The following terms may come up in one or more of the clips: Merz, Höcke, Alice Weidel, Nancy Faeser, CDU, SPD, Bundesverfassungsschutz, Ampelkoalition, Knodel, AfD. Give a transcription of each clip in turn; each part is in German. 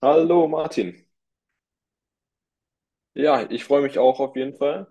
Hallo Martin. Ja, ich freue mich auch auf jeden Fall.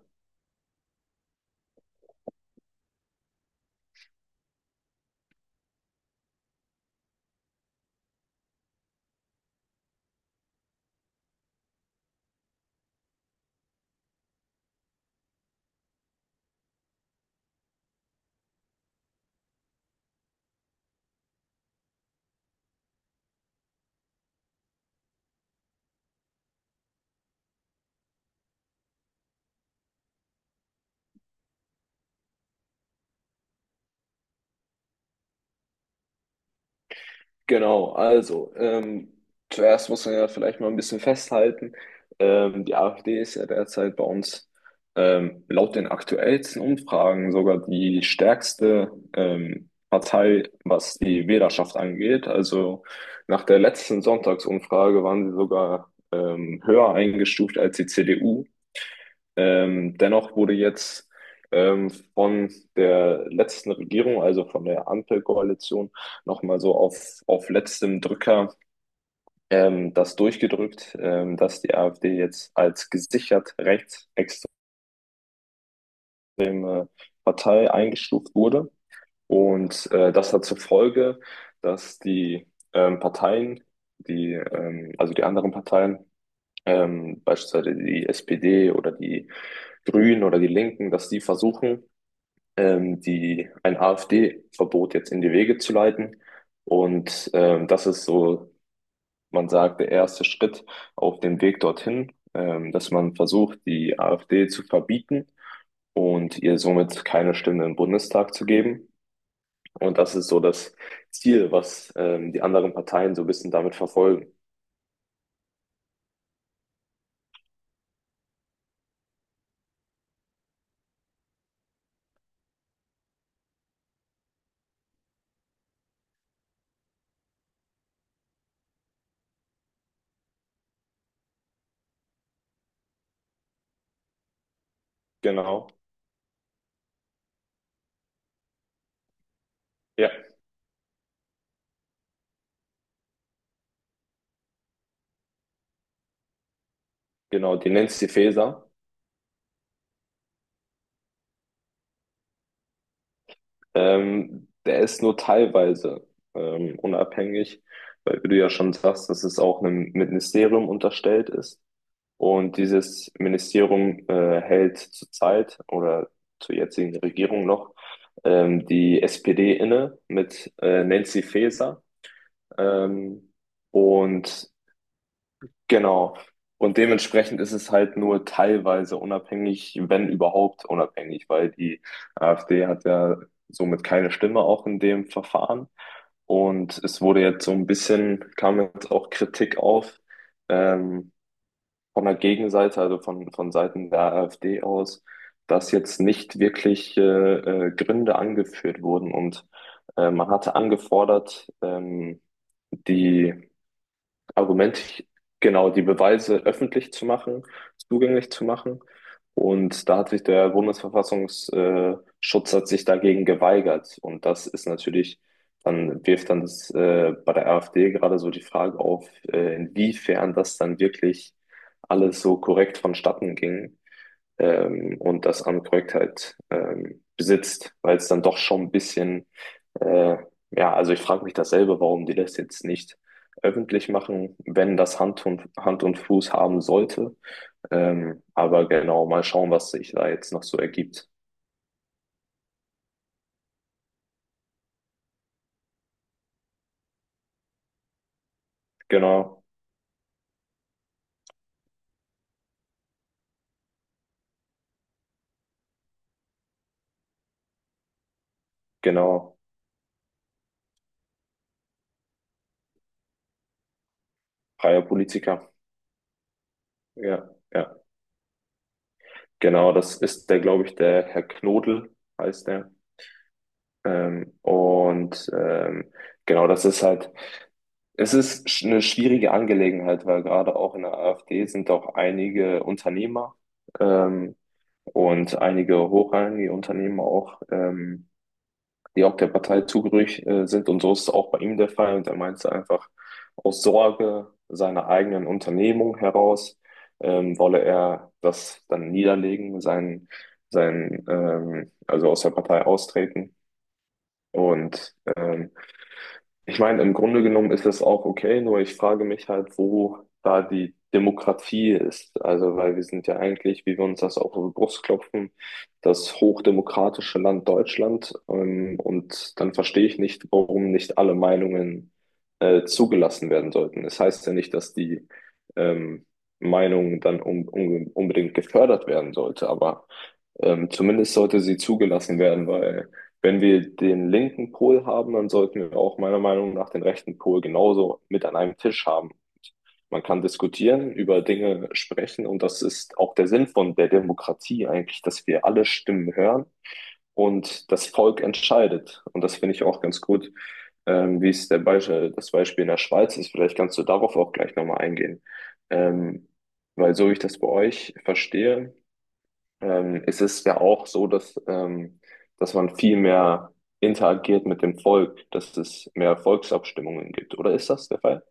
Genau, also zuerst muss man ja vielleicht mal ein bisschen festhalten. Die AfD ist ja derzeit bei uns laut den aktuellsten Umfragen sogar die stärkste Partei, was die Wählerschaft angeht. Also nach der letzten Sonntagsumfrage waren sie sogar höher eingestuft als die CDU. Dennoch wurde jetzt von der letzten Regierung, also von der Ampelkoalition, nochmal so auf letztem Drücker das durchgedrückt, dass die AfD jetzt als gesichert rechtsextreme Partei eingestuft wurde. Und das hat zur Folge, dass die Parteien, die, also die anderen Parteien, beispielsweise die SPD oder die Grünen oder die Linken, dass die versuchen, ein AfD-Verbot jetzt in die Wege zu leiten. Und das ist so, man sagt, der erste Schritt auf dem Weg dorthin, dass man versucht, die AfD zu verbieten und ihr somit keine Stimme im Bundestag zu geben. Und das ist so das Ziel, was die anderen Parteien so ein bisschen damit verfolgen. Genau, ja, genau, die Nancy Faeser. Der ist nur teilweise unabhängig, weil, wie du ja schon sagst, dass es auch einem Ministerium unterstellt ist. Und dieses Ministerium hält zurzeit oder zur jetzigen Regierung noch die SPD inne mit Nancy Faeser. Ähm, und Genau. Und dementsprechend ist es halt nur teilweise unabhängig, wenn überhaupt unabhängig, weil die AfD hat ja somit keine Stimme auch in dem Verfahren. Und es wurde jetzt so ein bisschen, kam jetzt auch Kritik auf, ähm, von der Gegenseite, also von Seiten der AfD aus, dass jetzt nicht wirklich Gründe angeführt wurden. Und man hatte angefordert, die Argument, genau, die Beweise öffentlich zu machen, zugänglich zu machen. Und da hat sich der Bundesverfassungsschutz hat sich dagegen geweigert. Und das ist natürlich, dann wirft dann das, bei der AfD gerade so die Frage auf, inwiefern das dann wirklich alles so korrekt vonstatten ging und das an Korrektheit besitzt, weil es dann doch schon ein bisschen, äh, ja, also ich frage mich dasselbe, warum die das jetzt nicht öffentlich machen, wenn das Hand und Fuß haben sollte. Aber genau, mal schauen, was sich da jetzt noch so ergibt. Genau, genau, freier Politiker. Ja, ja, genau, das ist der, glaube ich, der Herr Knodel heißt der. Ähm, und ähm, genau, das ist halt eine schwierige Angelegenheit, weil gerade auch in der AfD sind auch einige Unternehmer ähm, und einige hochrangige Unternehmer auch, die auch der Partei zugehörig sind. Und so ist es auch bei ihm der Fall. Und er meinte einfach, aus Sorge seiner eigenen Unternehmung heraus wolle er das dann niederlegen, also aus der Partei austreten. Und ich meine, im Grunde genommen ist es auch okay, nur ich frage mich halt, wo da die Demokratie ist. Also, weil wir sind ja eigentlich, wie wir uns das auch auf die Brust klopfen, das hochdemokratische Land Deutschland. Und dann verstehe ich nicht, warum nicht alle Meinungen zugelassen werden sollten. Es heißt ja nicht, dass die ähm, Meinung dann un un unbedingt gefördert werden sollte, aber zumindest sollte sie zugelassen werden, weil wenn wir den linken Pol haben, dann sollten wir auch meiner Meinung nach den rechten Pol genauso mit an einem Tisch haben. Man kann diskutieren, über Dinge sprechen, und das ist auch der Sinn von der Demokratie eigentlich, dass wir alle Stimmen hören und das Volk entscheidet. Und das finde ich auch ganz gut, wie es der Beispiel, das Beispiel in der Schweiz ist. Vielleicht kannst du darauf auch gleich nochmal eingehen. Ähm, Weil so ich das bei euch verstehe, es ist ja auch so, dass man viel mehr interagiert mit dem Volk, dass es mehr Volksabstimmungen gibt. Oder ist das der Fall?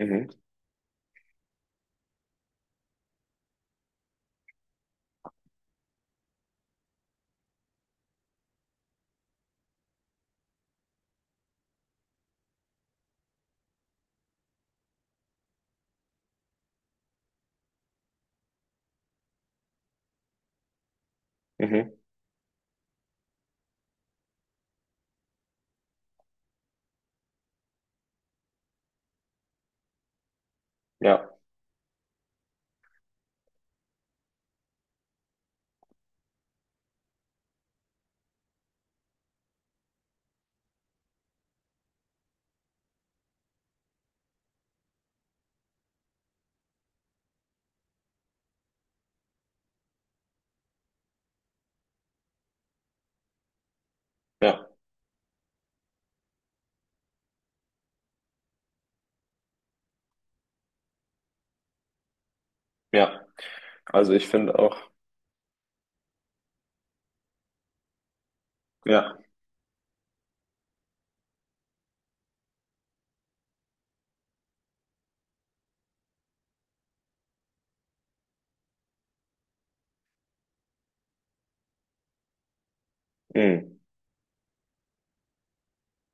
Mhm, mhm, ja, ja, ja. Also ich finde auch, ja. Mhm.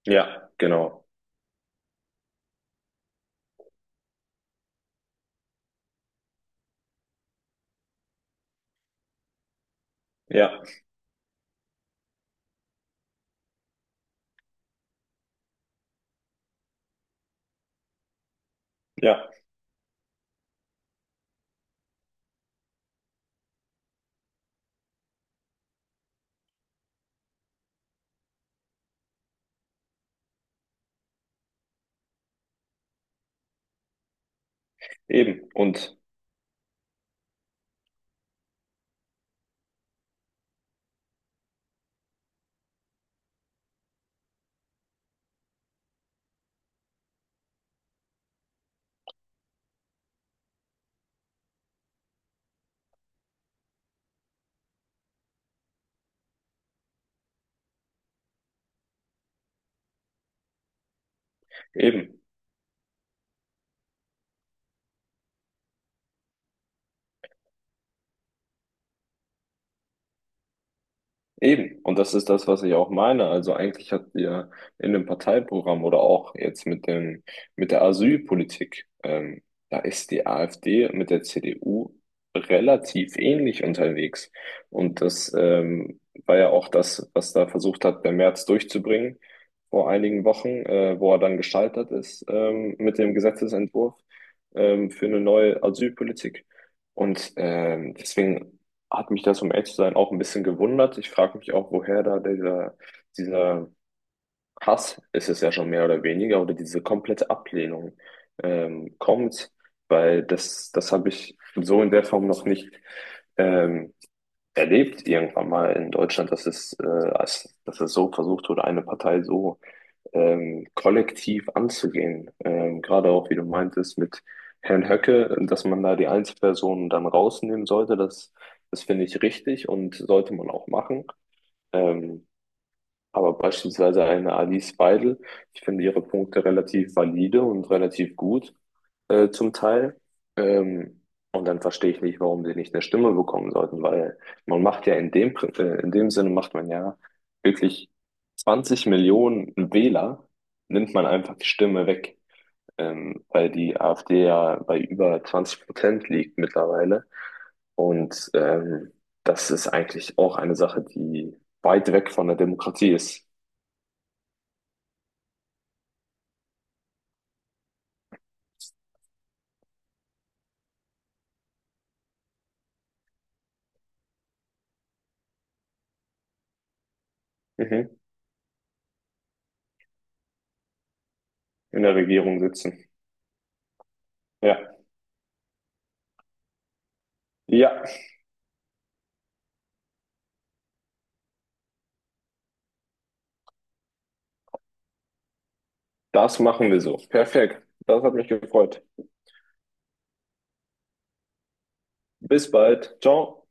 Ja, genau. Ja, ja, eben. Und eben. Eben, und das ist das, was ich auch meine. Also eigentlich habt ihr in dem Parteiprogramm oder auch jetzt mit der Asylpolitik, da ist die AfD mit der CDU relativ ähnlich unterwegs. Und das, war ja auch das, was da versucht hat, der Merz durchzubringen vor einigen Wochen, wo er dann gescheitert ist, mit dem Gesetzesentwurf, für eine neue Asylpolitik. Und deswegen hat mich das, um ehrlich zu sein, auch ein bisschen gewundert. Ich frage mich auch, woher da dieser Hass, ist es ja schon mehr oder weniger, oder diese komplette Ablehnung kommt, weil das, das habe ich so in der Form noch nicht ähm, erlebt, irgendwann mal in Deutschland, dass es so versucht wurde, eine Partei so kollektiv anzugehen. Gerade auch, wie du meintest, mit Herrn Höcke, dass man da die Einzelpersonen dann rausnehmen sollte, das, das finde ich richtig und sollte man auch machen. Ähm, aber beispielsweise eine Alice Weidel, ich finde ihre Punkte relativ valide und relativ gut zum Teil. Ähm, und dann verstehe ich nicht, warum sie nicht eine Stimme bekommen sollten, weil man macht ja in dem Sinne macht man ja wirklich 20 Millionen Wähler nimmt man einfach die Stimme weg, weil die AfD ja bei über 20% liegt mittlerweile. Und das ist eigentlich auch eine Sache, die weit weg von der Demokratie ist. Mhm. In der Regierung sitzen. Ja, ja, das machen wir so. Perfekt. Das hat mich gefreut. Bis bald. Ciao.